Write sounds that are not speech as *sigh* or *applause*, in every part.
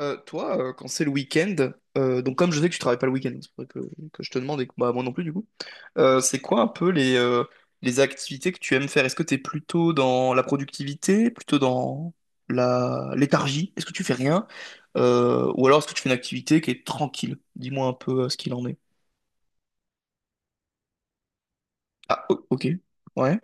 Toi, quand c'est le week-end, donc comme je sais que tu travailles pas le week-end, c'est pour ça que je te demande et que moi non plus du coup, c'est quoi un peu les les activités que tu aimes faire? Est-ce que tu es plutôt dans la productivité, plutôt dans la léthargie? Est-ce que tu fais rien? Ou alors est-ce que tu fais une activité qui est tranquille? Dis-moi un peu ce qu'il en est. Ah, ok. Ouais.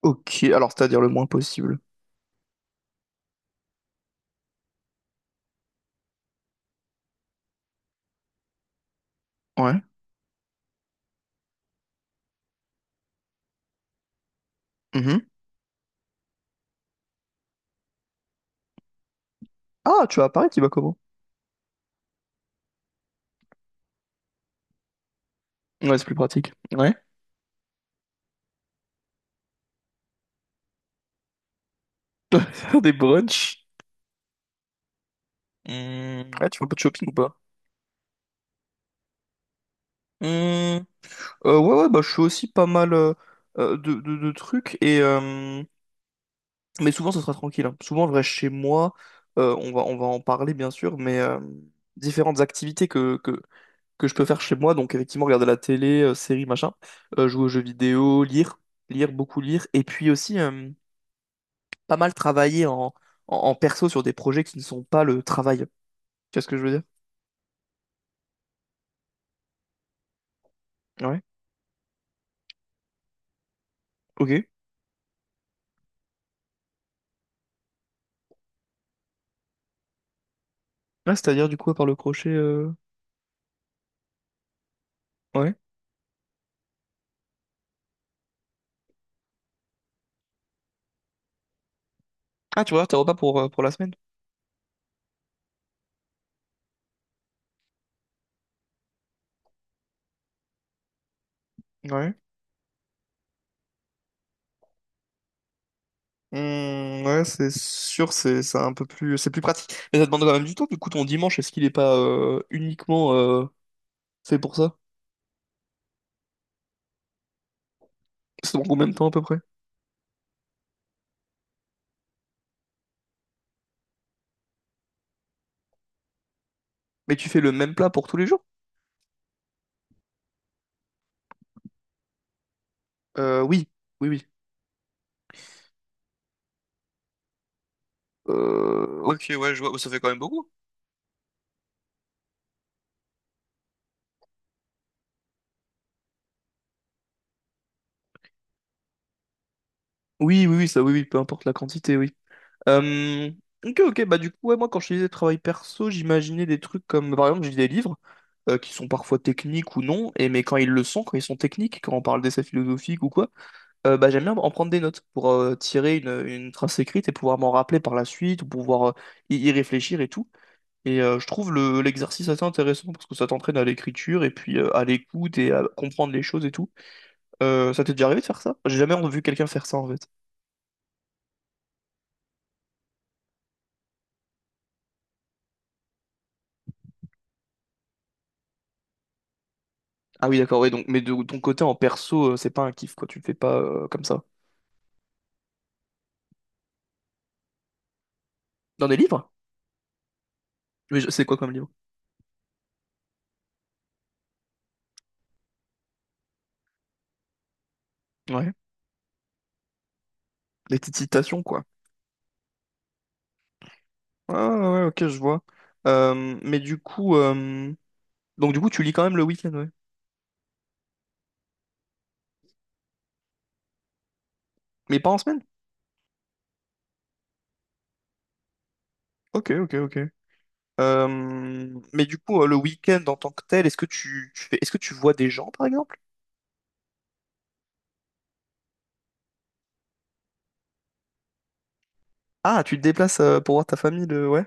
Ok, alors c'est-à-dire le moins possible. Ouais. Mhm. Ah, tu vas à Paris, tu vas comment? Ouais, c'est plus pratique. Ouais. *laughs* faire des brunchs. Hmm, ouais, tu fais un peu de shopping ou pas? Hmm, ouais, bah, je fais aussi pas mal de trucs, et mais souvent ça sera tranquille, hein. Souvent je reste chez moi, on va en parler bien sûr, mais différentes activités que je peux faire chez moi, donc effectivement regarder la télé, séries, machin, jouer aux jeux vidéo, lire, beaucoup lire, et puis aussi pas mal travailler en perso sur des projets qui ne sont pas le travail. Tu vois ce que je veux dire? Ouais, ok. Là, c'est-à-dire du coup, à part le crochet, ouais. Ah, tu vois, tes repas pour la semaine? Ouais. Hmm, ouais, c'est sûr, c'est un peu plus, c'est plus pratique. Mais ça demande quand même du temps. Du coup, ton dimanche, est-ce qu'il est pas uniquement fait pour ça? C'est dans combien de temps à peu près? Mais tu fais le même plat pour tous les jours? Oui, oui. Ouais. Ok, ouais, je vois, ça fait quand même beaucoup. Oui, oui, oui, ça, oui, oui, peu importe la quantité, oui. Euh, ok, ok, bah du coup, ouais, moi, quand je faisais disais travail perso, j'imaginais des trucs comme, par exemple, j'ai des livres qui sont parfois techniques ou non, et mais quand ils le sont, quand ils sont techniques, quand on parle d'essais philosophiques ou quoi. Bah, j'aime bien en prendre des notes pour tirer une trace écrite et pouvoir m'en rappeler par la suite ou pouvoir y réfléchir et tout. Et je trouve l'exercice assez intéressant parce que ça t'entraîne à l'écriture et puis à l'écoute et à comprendre les choses et tout. Ça t'est déjà arrivé de faire ça? J'ai jamais vu quelqu'un faire ça en fait. Ah oui, d'accord, oui, donc, mais de ton côté en perso, c'est pas un kiff quoi, tu le fais pas comme ça. Dans des livres? C'est quoi comme livre? Ouais. Des petites citations quoi. Ah ouais, ok, je vois. Euh, mais du coup, euh, donc du coup, tu lis quand même le week-end, ouais. Mais pas en semaine? Ok, ok, ok. Mais du coup, le week-end en tant que tel, est-ce que tu fais, est-ce que tu vois des gens, par exemple? Ah, tu te déplaces pour voir ta famille le... Ouais.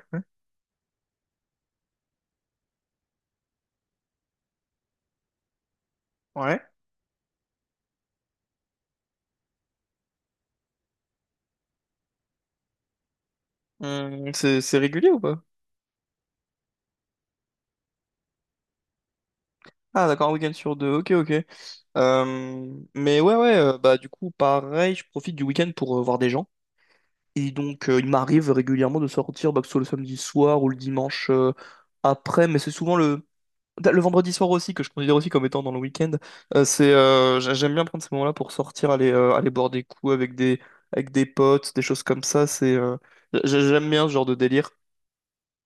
Ouais. C'est régulier ou pas? Ah, d'accord, un week-end sur deux. Ok, ok. Mais ouais, ouais, bah du coup, pareil, je profite du week-end pour voir des gens. Et donc, il m'arrive régulièrement de sortir, bah, que ce soit le samedi soir ou le dimanche après, mais c'est souvent le vendredi soir aussi, que je considère aussi comme étant dans le week-end, j'aime bien prendre ces moments-là pour sortir, aller boire des coups avec avec des potes, des choses comme ça. J'aime bien ce genre de délire.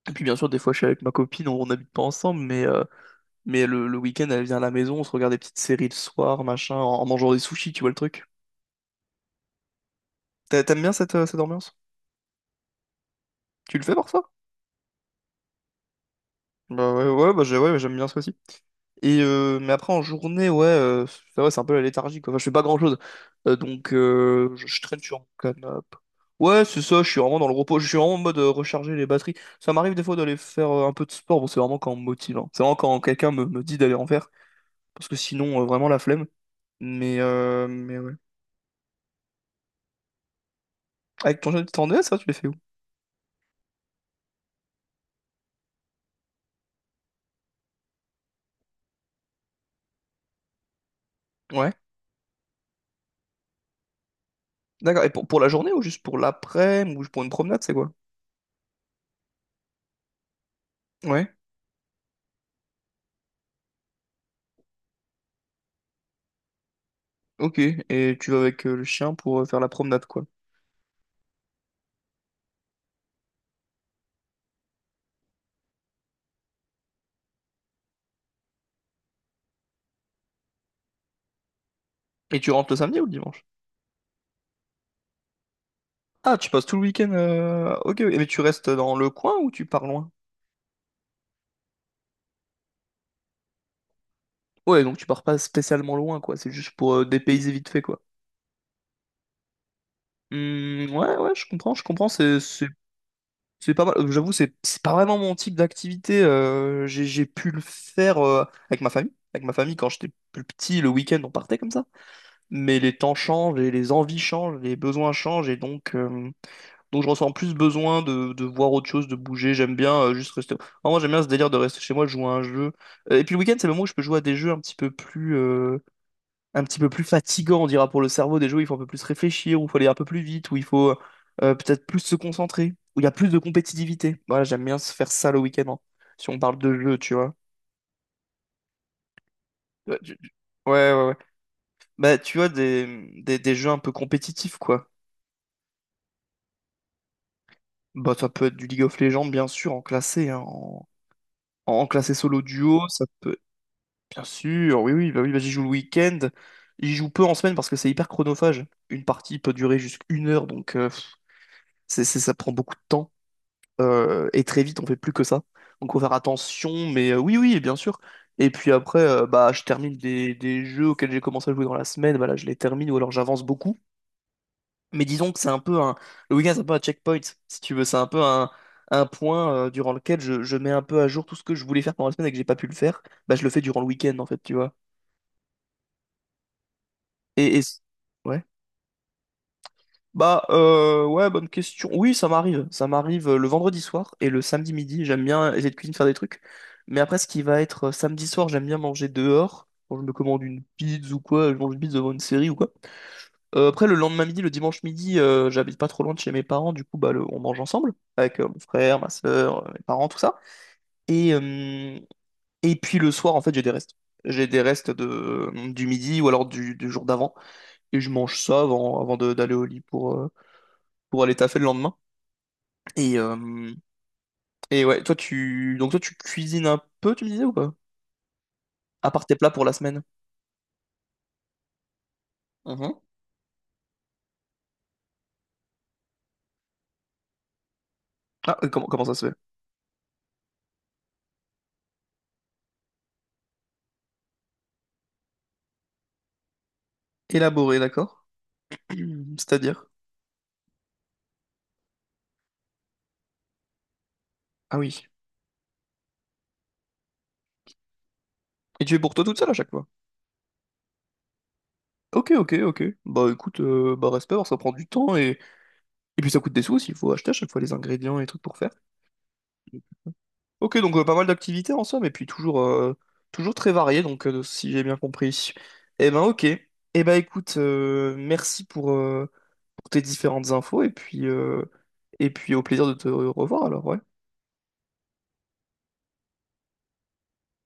Et puis bien sûr, des fois, je suis avec ma copine, on n'habite pas ensemble, mais le week-end, elle vient à la maison, on se regarde des petites séries le soir, machin, en mangeant des sushis, tu vois le truc. T'aimes bien cette cette ambiance? Tu le fais pour ça. Bah ouais, ouais, ouais, j'aime bien ça aussi. Et mais après en journée, ouais, ça va, c'est un peu la léthargie, quoi. Enfin, je fais pas grand-chose. Donc je traîne sur mon canapé. Ouais, c'est ça, je suis vraiment dans le repos. Je suis vraiment en mode recharger les batteries. Ça m'arrive des fois d'aller faire un peu de sport. Bon, c'est vraiment quand on me motive, hein. C'est vraiment quand me dit d'aller en faire. Parce que sinon, vraiment la flemme. Mais ouais. Avec ton jeune, tu t'en es, ça, tu les fais où? Ouais. D'accord. Et pour la journée ou juste pour l'après-midi ou pour une promenade, c'est quoi? Ouais. Ok. Et tu vas avec le chien pour faire la promenade, quoi. Et tu rentres le samedi ou le dimanche? Ah, tu passes tout le week-end. Ok, ok. Mais tu restes dans le coin ou tu pars loin? Ouais, donc tu pars pas spécialement loin, quoi. C'est juste pour dépayser vite fait, quoi. Hmm, ouais, ouais, je comprends, je comprends. C'est pas mal. J'avoue, c'est pas vraiment mon type d'activité. J'ai pu le faire avec ma famille. Avec ma famille, quand j'étais plus petit, le week-end, on partait comme ça. Mais les temps changent et les envies changent, les besoins changent et donc. Donc je ressens plus besoin de voir autre chose, de bouger. J'aime bien juste rester. Vraiment, moi j'aime bien ce délire de rester chez moi, de jouer à un jeu. Et puis le week-end, c'est le moment où je peux jouer à des jeux un petit peu plus fatigants, on dira pour le cerveau. Des jeux où il faut un peu plus réfléchir, où il faut aller un peu plus vite, où il faut peut-être plus se concentrer, où il y a plus de compétitivité. Voilà, j'aime bien se faire ça le week-end, hein, si on parle de jeux, tu vois. Ouais, ouais, ouais, ouais. Bah tu vois des jeux un peu compétitifs, quoi. Bah ça peut être du League of Legends, bien sûr, en classé, hein, en classé solo duo, ça peut. Bien sûr, oui, oui, bah j'y joue le week-end. J'y joue peu en semaine parce que c'est hyper chronophage. Une partie peut durer jusqu'à une heure, donc ça prend beaucoup de temps. Et très vite, on fait plus que ça. Donc faut faire attention, mais oui, oui, bien sûr. Et puis après, bah, je termine des jeux auxquels j'ai commencé à jouer dans la semaine, voilà, je les termine ou alors j'avance beaucoup. Mais disons que c'est un peu un... Le week-end, c'est un peu un checkpoint, si tu veux. C'est un peu un point durant lequel je mets un peu à jour tout ce que je voulais faire pendant la semaine et que j'ai pas pu le faire. Bah, je le fais durant le week-end, en fait, tu vois. Et... Ouais. Bah ouais bonne question. Oui ça m'arrive le vendredi soir et le samedi midi. J'aime bien essayer de cuisiner faire des trucs. Mais après ce qui va être samedi soir j'aime bien manger dehors. Quand je me commande une pizza ou quoi, je mange une pizza devant une série ou quoi. Après le lendemain midi, le dimanche midi, j'habite pas trop loin de chez mes parents. Du coup on mange ensemble avec mon frère, ma soeur, mes parents tout ça. Et euh, et puis le soir en fait j'ai des restes. J'ai des restes de du midi ou alors du jour d'avant et je mange ça avant d'aller au lit pour aller taffer le lendemain. Et, euh, et ouais, toi tu cuisines un peu, tu me disais ou pas? À part tes plats pour la semaine. Mhm. Ah, comment ça se fait? Élaboré, d'accord. *clears throat* C'est-à-dire? Ah oui. Et tu es pour toi toute seule à chaque fois? Ok, ok, ok. Bah écoute, bah respect, alors ça prend du temps et puis ça coûte des sous aussi, il faut acheter à chaque fois les ingrédients et les trucs pour faire. Ok, donc pas mal d'activités en somme, et puis toujours, toujours très varié, donc si j'ai bien compris. Eh ben ok. Eh ben écoute, merci pour tes différentes infos et puis au plaisir de te revoir alors, ouais.